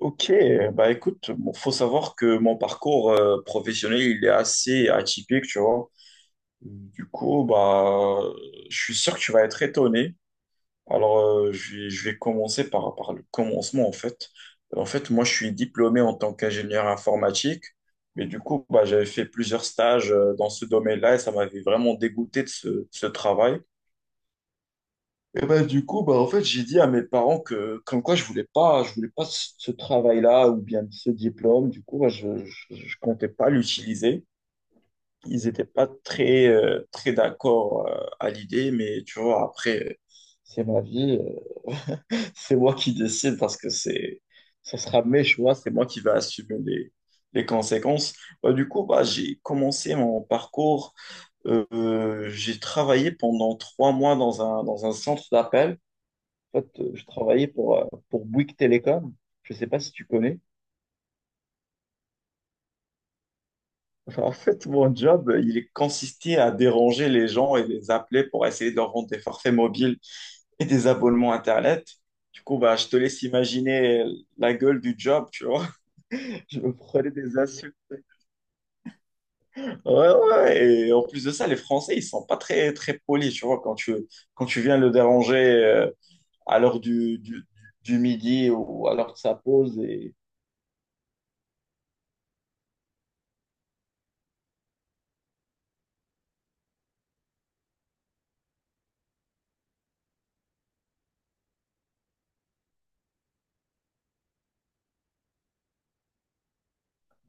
Ok, bah écoute, bon, faut savoir que mon parcours professionnel, il est assez atypique, tu vois. Du coup, bah, je suis sûr que tu vas être étonné. Alors, je vais commencer par, par le commencement, en fait. En fait, moi, je suis diplômé en tant qu'ingénieur informatique, mais du coup, bah, j'avais fait plusieurs stages dans ce domaine-là et ça m'avait vraiment dégoûté de ce travail. Et ben, du coup, bah, en fait, j'ai dit à mes parents que, comme quoi, je voulais pas ce travail-là ou bien ce diplôme. Du coup, bah, je comptais pas l'utiliser. Ils étaient pas très, très d'accord, à l'idée, mais tu vois, après, c'est ma vie, euh, c'est moi qui décide parce que c'est, ce sera mes choix, c'est moi qui vais assumer les conséquences. Bah, du coup, bah, j'ai commencé mon parcours. J'ai travaillé pendant 3 mois dans un centre d'appel. En fait, je travaillais pour Bouygues Télécom. Je ne sais pas si tu connais. En fait, mon job, il consistait à déranger les gens et les appeler pour essayer de leur vendre des forfaits mobiles et des abonnements Internet. Du coup, bah, je te laisse imaginer la gueule du job, tu vois. Je me prenais des insultes. Ouais, ouais. Et en plus de ça, les Français, ils sont pas très, très polis, tu vois, quand tu viens le déranger euh, à l'heure du midi ou à l'heure de sa pause. Et...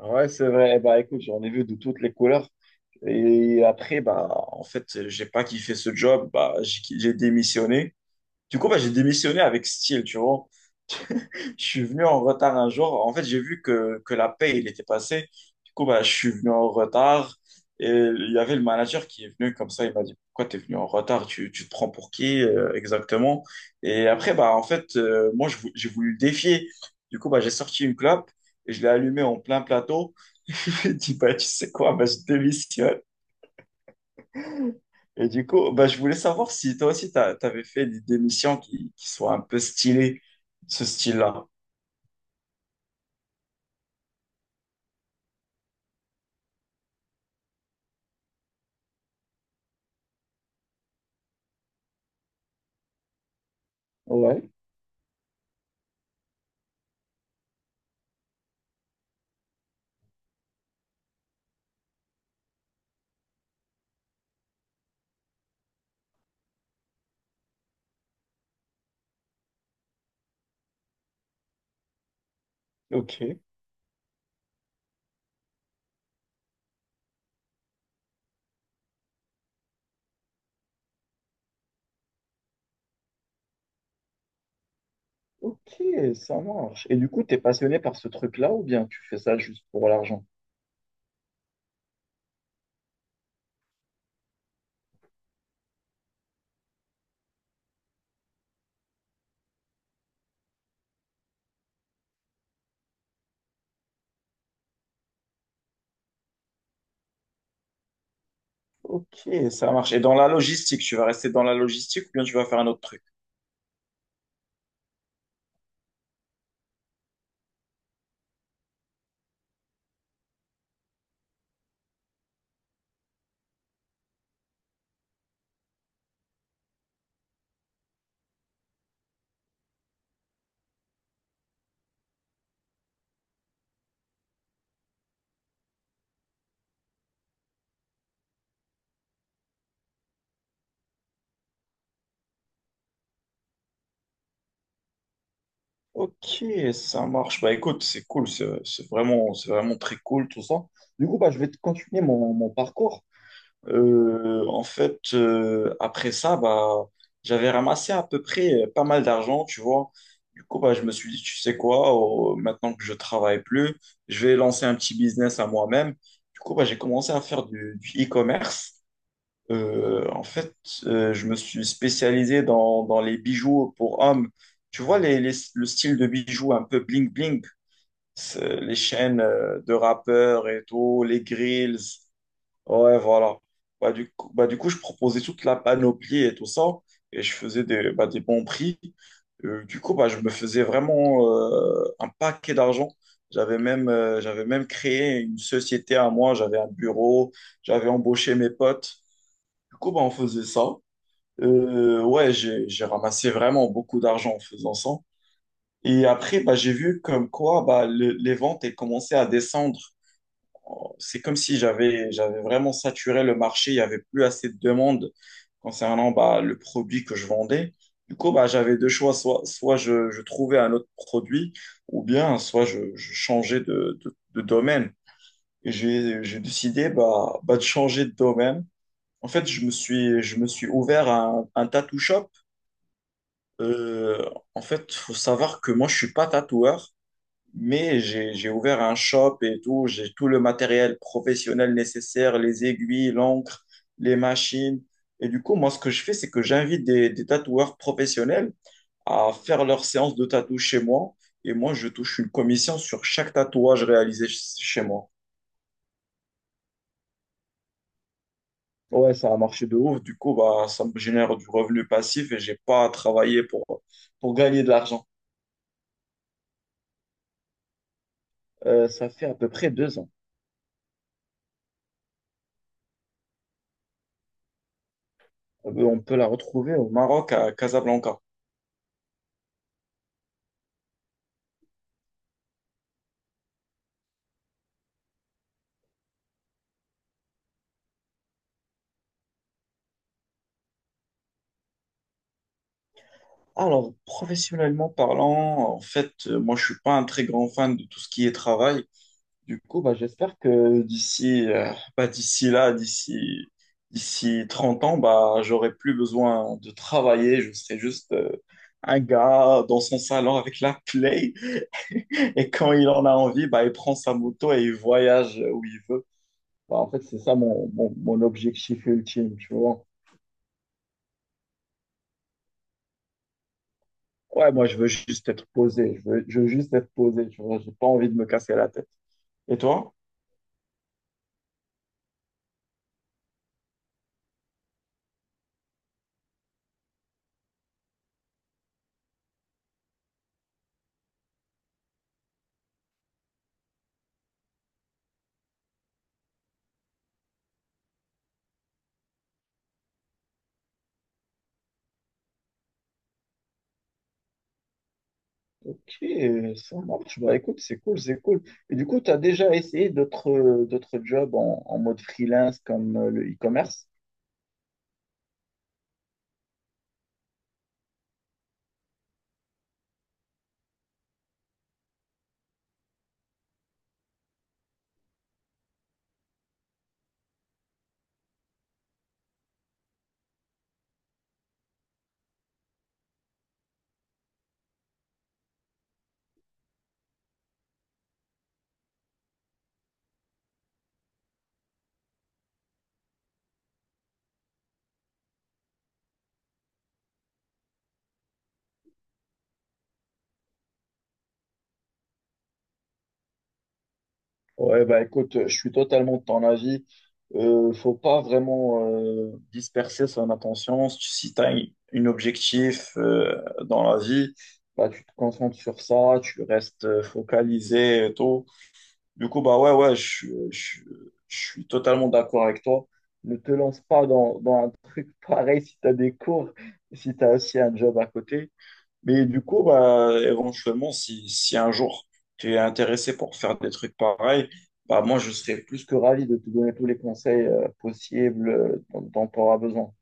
Ouais, c'est vrai. Bah, écoute, j'en ai vu de toutes les couleurs. Et après, bah, en fait, j'ai pas kiffé ce job, bah, j'ai démissionné. Du coup, bah, j'ai démissionné avec style, tu vois. Je suis venu en retard un jour. En fait, j'ai vu que la paye, il était passé. Du coup, bah, je suis venu en retard. Et il y avait le manager qui est venu comme ça. Il m'a dit, pourquoi t'es venu en retard? Tu te prends pour qui, exactement? Et après, bah, en fait, moi, j'ai voulu le défier. Du coup, bah, j'ai sorti une clope et je l'ai allumée en plein plateau. Il m'a dit, bah, tu sais quoi? Bah, je démissionne. Et du coup, bah, je voulais savoir si toi aussi, tu avais fait des missions qui soient un peu stylées, ce style-là. Ouais. Ok. Ok, ça marche. Et du coup, t'es passionné par ce truc-là ou bien tu fais ça juste pour l'argent? Ok, ça marche. Et dans la logistique, tu vas rester dans la logistique ou bien tu vas faire un autre truc? Ok, ça marche. Bah écoute, c'est cool, c'est vraiment, c'est vraiment très cool tout ça. Du coup, bah, je vais te continuer mon, mon parcours. En fait, après ça, bah, j'avais ramassé à peu près pas mal d'argent, tu vois. Du coup, bah, je me suis dit, tu sais quoi, maintenant que je travaille plus, je vais lancer un petit business à moi-même. Du coup, bah, j'ai commencé à faire du e-commerce. En fait, je me suis spécialisé dans, dans les bijoux pour hommes. Tu vois, les, le style de bijoux un peu bling-bling, les chaînes de rappeurs et tout, les grills. Ouais, voilà. Bah, du coup, je proposais toute la panoplie et tout ça, et je faisais des, bah, des bons prix. Du coup, bah, je me faisais vraiment un paquet d'argent. J'avais même créé une société à moi, j'avais un bureau, j'avais embauché mes potes. Du coup, bah, on faisait ça. Ouais, j'ai ramassé vraiment beaucoup d'argent en faisant ça. Et après, bah, j'ai vu comme quoi bah, les ventes elles commençaient à descendre. Oh, c'est comme si j'avais vraiment saturé le marché, il n'y avait plus assez de demandes concernant bah, le produit que je vendais. Du coup, bah, j'avais deux choix, soit je trouvais un autre produit, ou bien soit je changeais de domaine. Et j'ai décidé bah, bah, de changer de domaine. En fait, je me suis ouvert à un tattoo shop. Euh, En fait, faut savoir que moi, je suis pas tatoueur. Mais j'ai ouvert un shop et tout, j'ai tout le matériel professionnel nécessaire, les aiguilles, l'encre, les machines. Et du coup, moi, ce que je fais, c'est que j'invite des tatoueurs professionnels à faire leur séance de tatou chez moi. Et moi, je touche une commission sur chaque tatouage réalisé chez moi. Ouais, ça a marché de ouf. Du coup, bah, ça me génère du revenu passif et j'ai pas à travailler pour gagner de l'argent. Ça fait à peu près 2 ans. On peut la retrouver au Maroc, à Casablanca. Alors, professionnellement parlant, en fait, moi, je suis pas un très grand fan de tout ce qui est travail. Du coup, bah, j'espère que bah, d'ici, d'ici 30 ans, bah, j'aurai plus besoin de travailler. Je serai juste, un gars dans son salon avec la play. Et quand il en a envie, bah, il prend sa moto et il voyage où il veut. Bah, en fait, c'est ça mon, mon, mon objectif ultime, tu vois. Ouais, moi, je veux juste être posé. Je veux juste être posé, tu vois. J'ai pas envie de me casser la tête. Et toi? Ok, ça marche. Bah, écoute, c'est cool, c'est cool. Et du coup, tu as déjà essayé d'autres jobs en, en mode freelance comme le e-commerce? Ouais, bah écoute, je suis totalement de ton avis. Faut pas vraiment disperser son attention. Si tu as un objectif dans la vie, bah, tu te concentres sur ça, tu restes focalisé et tout. Du coup, bah ouais, ouais, je suis totalement d'accord avec toi. Ne te lance pas dans, dans un truc pareil si tu as des cours, si tu as aussi un job à côté. Mais du coup, bah, éventuellement, si, si un jour tu es intéressé pour faire des trucs pareils, bah moi, je serais plus que ravi de te donner tous les conseils possibles dont, dont tu auras besoin.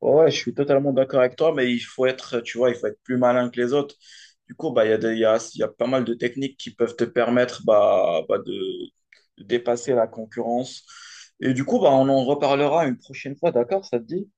Ouais, ouais, je suis totalement d'accord avec toi, mais il faut être, tu vois, il faut être plus malin que les autres. Du coup, bah, il y a pas mal de techniques qui peuvent te permettre bah, bah, de dépasser la concurrence. Et du coup, bah, on en reparlera une prochaine fois, d'accord? Ça te dit?